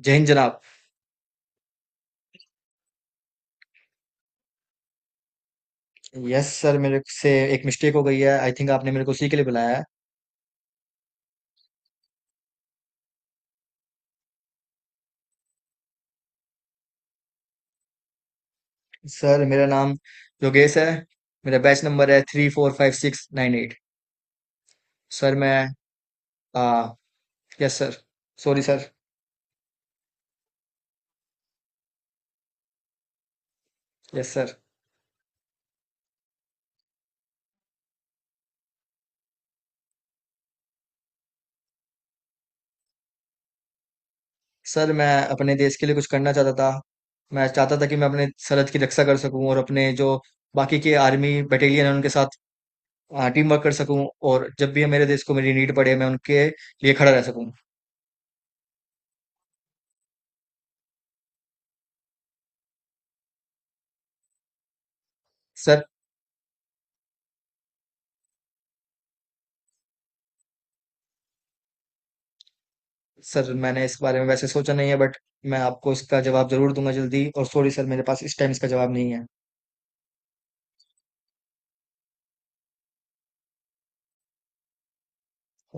जय हिंद जनाब। यस सर, मेरे से एक मिस्टेक हो गई है। आई थिंक आपने मेरे को उसी के लिए बुलाया है। सर, मेरा नाम योगेश है। मेरा बैच नंबर है 345698। सर मैं आ, yes sir. Sorry sir. Yes sir. Sir, मैं अपने देश के लिए कुछ करना चाहता था। मैं चाहता था कि मैं अपने सरहद की रक्षा कर सकूं और अपने जो बाकी के आर्मी बटालियन है उनके साथ टीम वर्क कर सकूं। और जब भी मेरे देश को मेरी नीड पड़े मैं उनके लिए खड़ा रह सकूं। सर। सर, मैंने इस बारे में वैसे सोचा नहीं है बट मैं आपको इसका जवाब जरूर दूंगा जल्दी। और सॉरी सर, मेरे पास इस टाइम इसका जवाब नहीं है।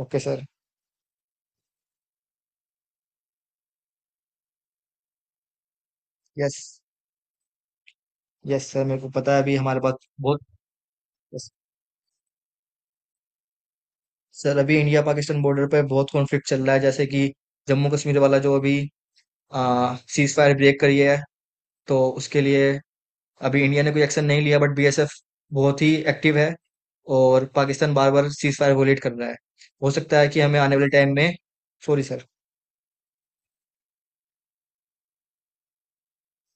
Okay sir. Yes. Yes sir, मेरे को पता है। अभी हमारे पास बहुत। yes, सर अभी इंडिया पाकिस्तान बॉर्डर पे बहुत कॉन्फ्लिक्ट चल रहा है, जैसे कि जम्मू कश्मीर वाला जो अभी सीज फायर ब्रेक करी है। तो उसके लिए अभी इंडिया ने कोई एक्शन नहीं लिया, बट बीएसएफ बहुत ही एक्टिव है। और पाकिस्तान बार बार सीज फायर वोलेट कर रहा है। हो सकता है कि हमें आने वाले टाइम में। Sorry sir.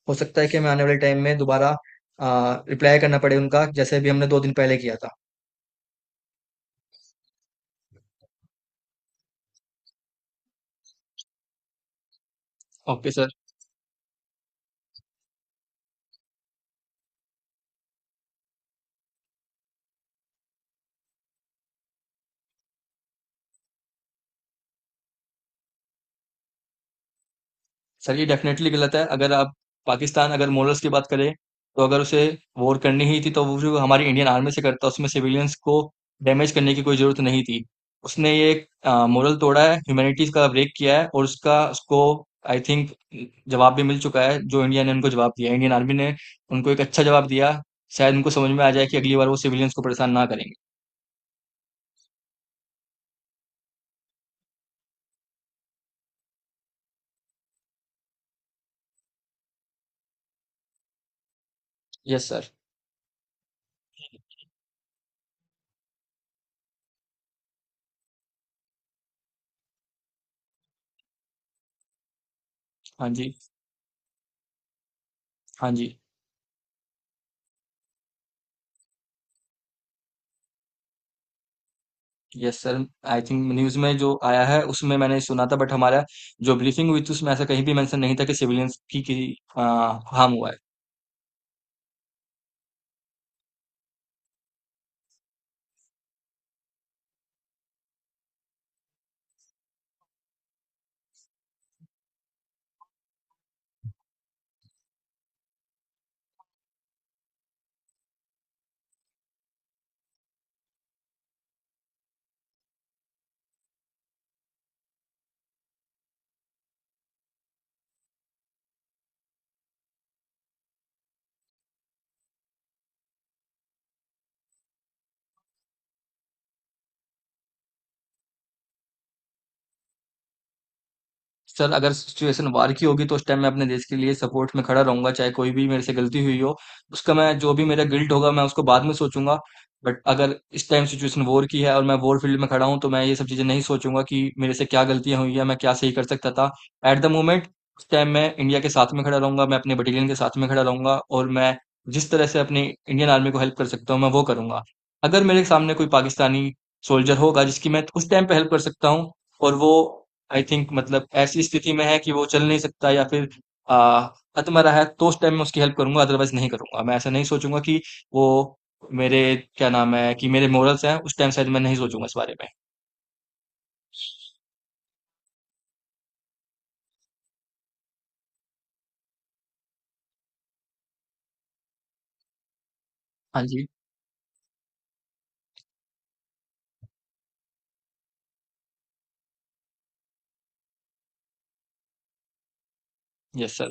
हो सकता है कि हमें आने वाले टाइम में दोबारा रिप्लाई करना पड़े उनका, जैसे भी हमने 2 दिन पहले किया था। Okay sir. सर, ये डेफिनेटली गलत है। अगर आप पाकिस्तान, अगर मोरल्स की बात करें तो अगर उसे वॉर करनी ही थी तो वो जो हमारी इंडियन आर्मी से करता, उसमें सिविलियंस को डैमेज करने की कोई ज़रूरत नहीं थी। उसने ये मोरल तोड़ा है, ह्यूमैनिटीज़ का ब्रेक किया है। और उसका, उसको आई थिंक जवाब भी मिल चुका है। जो इंडिया ने उनको जवाब दिया, इंडियन आर्मी ने उनको एक अच्छा जवाब दिया। शायद उनको समझ में आ जाए कि अगली बार वो सिविलियंस को परेशान ना करेंगे। Yes sir. हाँ जी, हाँ जी। Yes sir, I think news में जो आया है उसमें मैंने सुना था। बट हमारा जो ब्रीफिंग हुई थी, उसमें ऐसा कहीं भी मेंशन नहीं था कि सिविलियंस की हार्म हुआ है। सर, अगर सिचुएशन वार की होगी तो उस टाइम मैं अपने देश के लिए सपोर्ट में खड़ा रहूँगा, चाहे कोई भी मेरे से गलती हुई हो, उसका मैं जो भी मेरा गिल्ट होगा मैं उसको बाद में सोचूँगा। बट अगर इस टाइम सिचुएशन वॉर की है और मैं वॉर फ़ील्ड में खड़ा हूँ तो मैं ये सब चीज़ें नहीं सोचूँगा कि मेरे से क्या गलतियाँ हुई हैं, मैं क्या सही कर सकता था। एट द मोमेंट उस टाइम मैं इंडिया के साथ में खड़ा रहूँगा, मैं अपने बटालियन के साथ में खड़ा रहूँगा और मैं जिस तरह से अपनी इंडियन आर्मी को हेल्प कर सकता हूँ, मैं वो करूँगा। अगर मेरे सामने कोई पाकिस्तानी सोल्जर होगा जिसकी मैं उस टाइम पे हेल्प कर सकता हूँ, और वो आई थिंक मतलब ऐसी स्थिति में है कि वो चल नहीं सकता या फिर आ, अतमरा रहा है, तो उस टाइम में उसकी हेल्प करूंगा, अदरवाइज नहीं करूंगा। मैं ऐसा नहीं सोचूंगा कि वो मेरे, क्या नाम है, कि मेरे मोरल्स हैं, उस टाइम शायद मैं नहीं सोचूंगा इस बारे में। हाँ जी। Yes sir.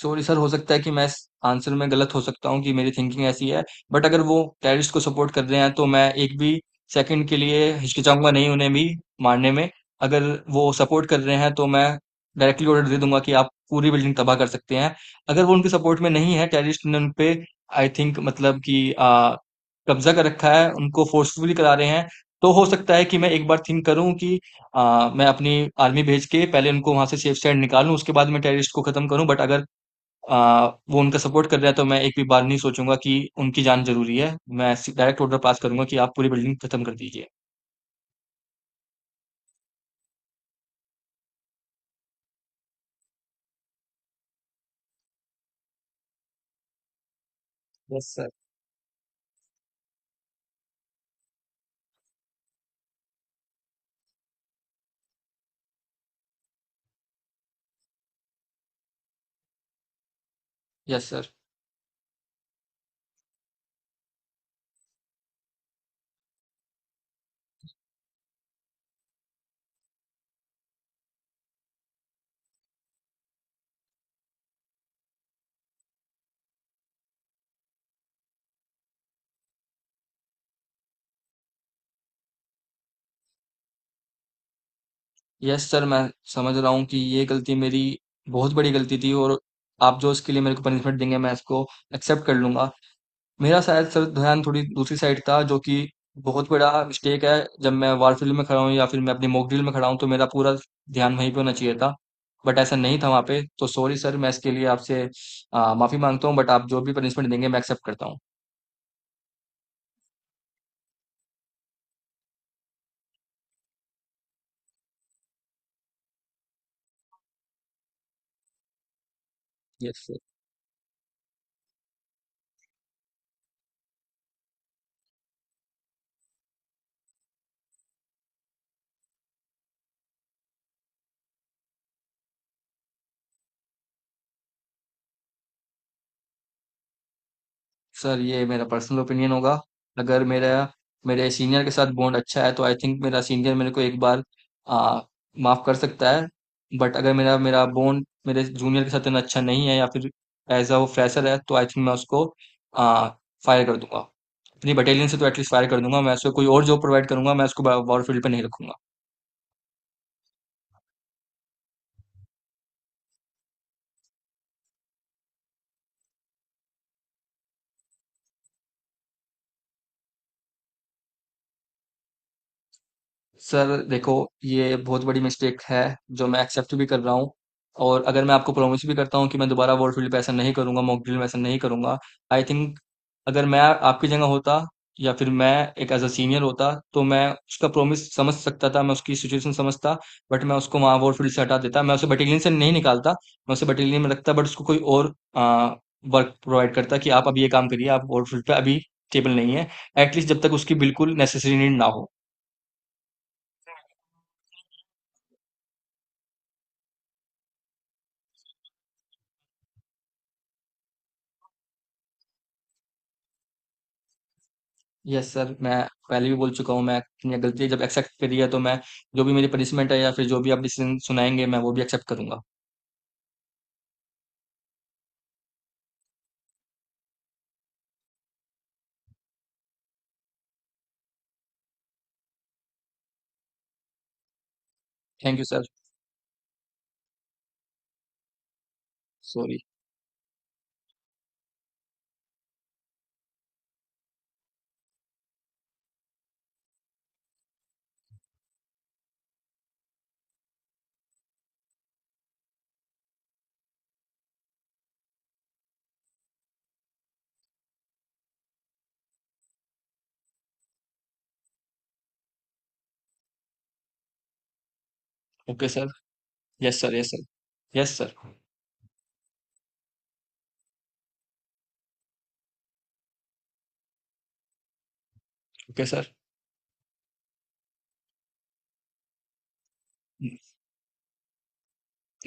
सॉरी सर, हो सकता है कि मैं इस आंसर में गलत हो सकता हूँ, कि मेरी थिंकिंग ऐसी है, बट अगर वो टेररिस्ट को सपोर्ट कर रहे हैं तो मैं एक भी सेकंड के लिए हिचकिचाऊँगा नहीं उन्हें भी मारने में। अगर वो सपोर्ट कर रहे हैं तो मैं डायरेक्टली ऑर्डर दे दूँगा कि आप पूरी बिल्डिंग तबाह कर सकते हैं। अगर वो उनके सपोर्ट में नहीं है, टेररिस्ट ने उन पे आई थिंक मतलब कि कब्ज़ा कर रखा है, उनको फोर्सफुली करा रहे हैं, तो हो सकता है कि मैं एक बार थिंक करूँ कि मैं अपनी आर्मी भेज के पहले उनको वहाँ से सेफ साइड निकालूँ, उसके बाद मैं टेररिस्ट को खत्म करूँ। बट अगर वो उनका सपोर्ट कर रहा है तो मैं एक भी बार नहीं सोचूंगा कि उनकी जान जरूरी है, मैं डायरेक्ट ऑर्डर पास करूंगा कि आप पूरी बिल्डिंग खत्म कर दीजिए। Yes sir. Yes sir. Yes sir, मैं समझ रहा हूँ कि ये गलती मेरी बहुत बड़ी गलती थी, और आप जो इसके लिए मेरे को पनिशमेंट देंगे मैं इसको एक्सेप्ट कर लूंगा। मेरा शायद सर ध्यान थोड़ी दूसरी साइड था, जो कि बहुत बड़ा मिस्टेक है। जब मैं वार फील्ड में खड़ा हूँ या फिर मैं अपनी मॉक ड्रिल में खड़ा हूँ तो मेरा पूरा ध्यान वहीं पे होना चाहिए था। बट ऐसा नहीं था वहाँ पे। तो सॉरी सर, मैं इसके लिए आपसे माफी मांगता हूँ। बट आप जो भी पनिशमेंट देंगे मैं एक्सेप्ट करता हूँ। यस सर, ये मेरा पर्सनल ओपिनियन होगा। अगर मेरा मेरे सीनियर के साथ बॉन्ड अच्छा है तो आई थिंक मेरा सीनियर मेरे को एक बार आ, माफ कर सकता है। बट अगर मेरा मेरा बॉन्ड मेरे जूनियर के साथ इतना अच्छा नहीं है या फिर एज अ वो फ्रेशर है, तो आई थिंक मैं उसको आ, फायर कर दूंगा अपनी बटालियन से। तो एटलीस्ट फायर कर दूंगा, मैं उसको कोई और जॉब प्रोवाइड करूंगा, मैं उसको वॉरफील्ड पे नहीं रखूंगा। सर देखो, ये बहुत बड़ी मिस्टेक है जो मैं एक्सेप्ट भी कर रहा हूँ। और अगर मैं आपको प्रॉमिस भी करता हूँ कि मैं दोबारा वर्ल्ड फील्ड पे ऐसा नहीं करूंगा, मॉक ड्रिल में ऐसा नहीं करूंगा, आई थिंक अगर मैं आपकी जगह होता या फिर मैं एक एज अ सीनियर होता तो मैं उसका प्रॉमिस समझ सकता था, मैं उसकी सिचुएशन समझता। बट मैं उसको वहाँ वर्ल्ड फील्ड से हटा देता, मैं उसे बटालियन से नहीं निकालता, मैं उसे बटालियन में रखता, बट उसको कोई और वर्क प्रोवाइड करता कि आप अभी ये काम करिए, आप वर्ल्ड फील्ड पे अभी टेबल नहीं है, एटलीस्ट जब तक उसकी बिल्कुल नेसेसरी नीड ना हो। यस सर, मैं पहले भी बोल चुका हूँ, मैं अपनी गलती जब एक्सेप्ट करी है तो मैं जो भी मेरी पनिशमेंट है या फिर जो भी आप डिसीजन सुनाएंगे मैं वो भी एक्सेप्ट करूंगा। Thank you sir. Sorry. Okay sir. Yes sir. Yes sir. Yes sir. Okay sir.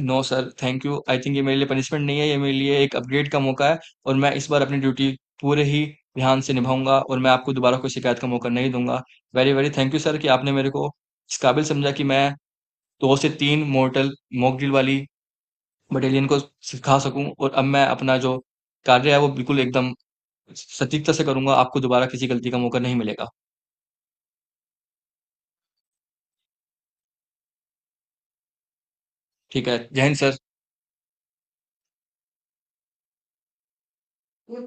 No sir, thank you. I think ये मेरे लिए पनिशमेंट नहीं है, ये मेरे लिए एक अपग्रेड का मौका है। और मैं इस बार अपनी ड्यूटी पूरे ही ध्यान से निभाऊंगा, और मैं आपको दोबारा कोई शिकायत का मौका नहीं दूंगा। Very very thank you sir कि आपने मेरे को इस काबिल समझा कि मैं दो से तीन मोर्टल मॉक ड्रिल वाली बटालियन को सिखा सकूँ। और अब मैं अपना जो कार्य है वो बिल्कुल एकदम सटीकता से करूँगा, आपको दोबारा किसी गलती का मौका नहीं मिलेगा। ठीक है, जय हिंद सर।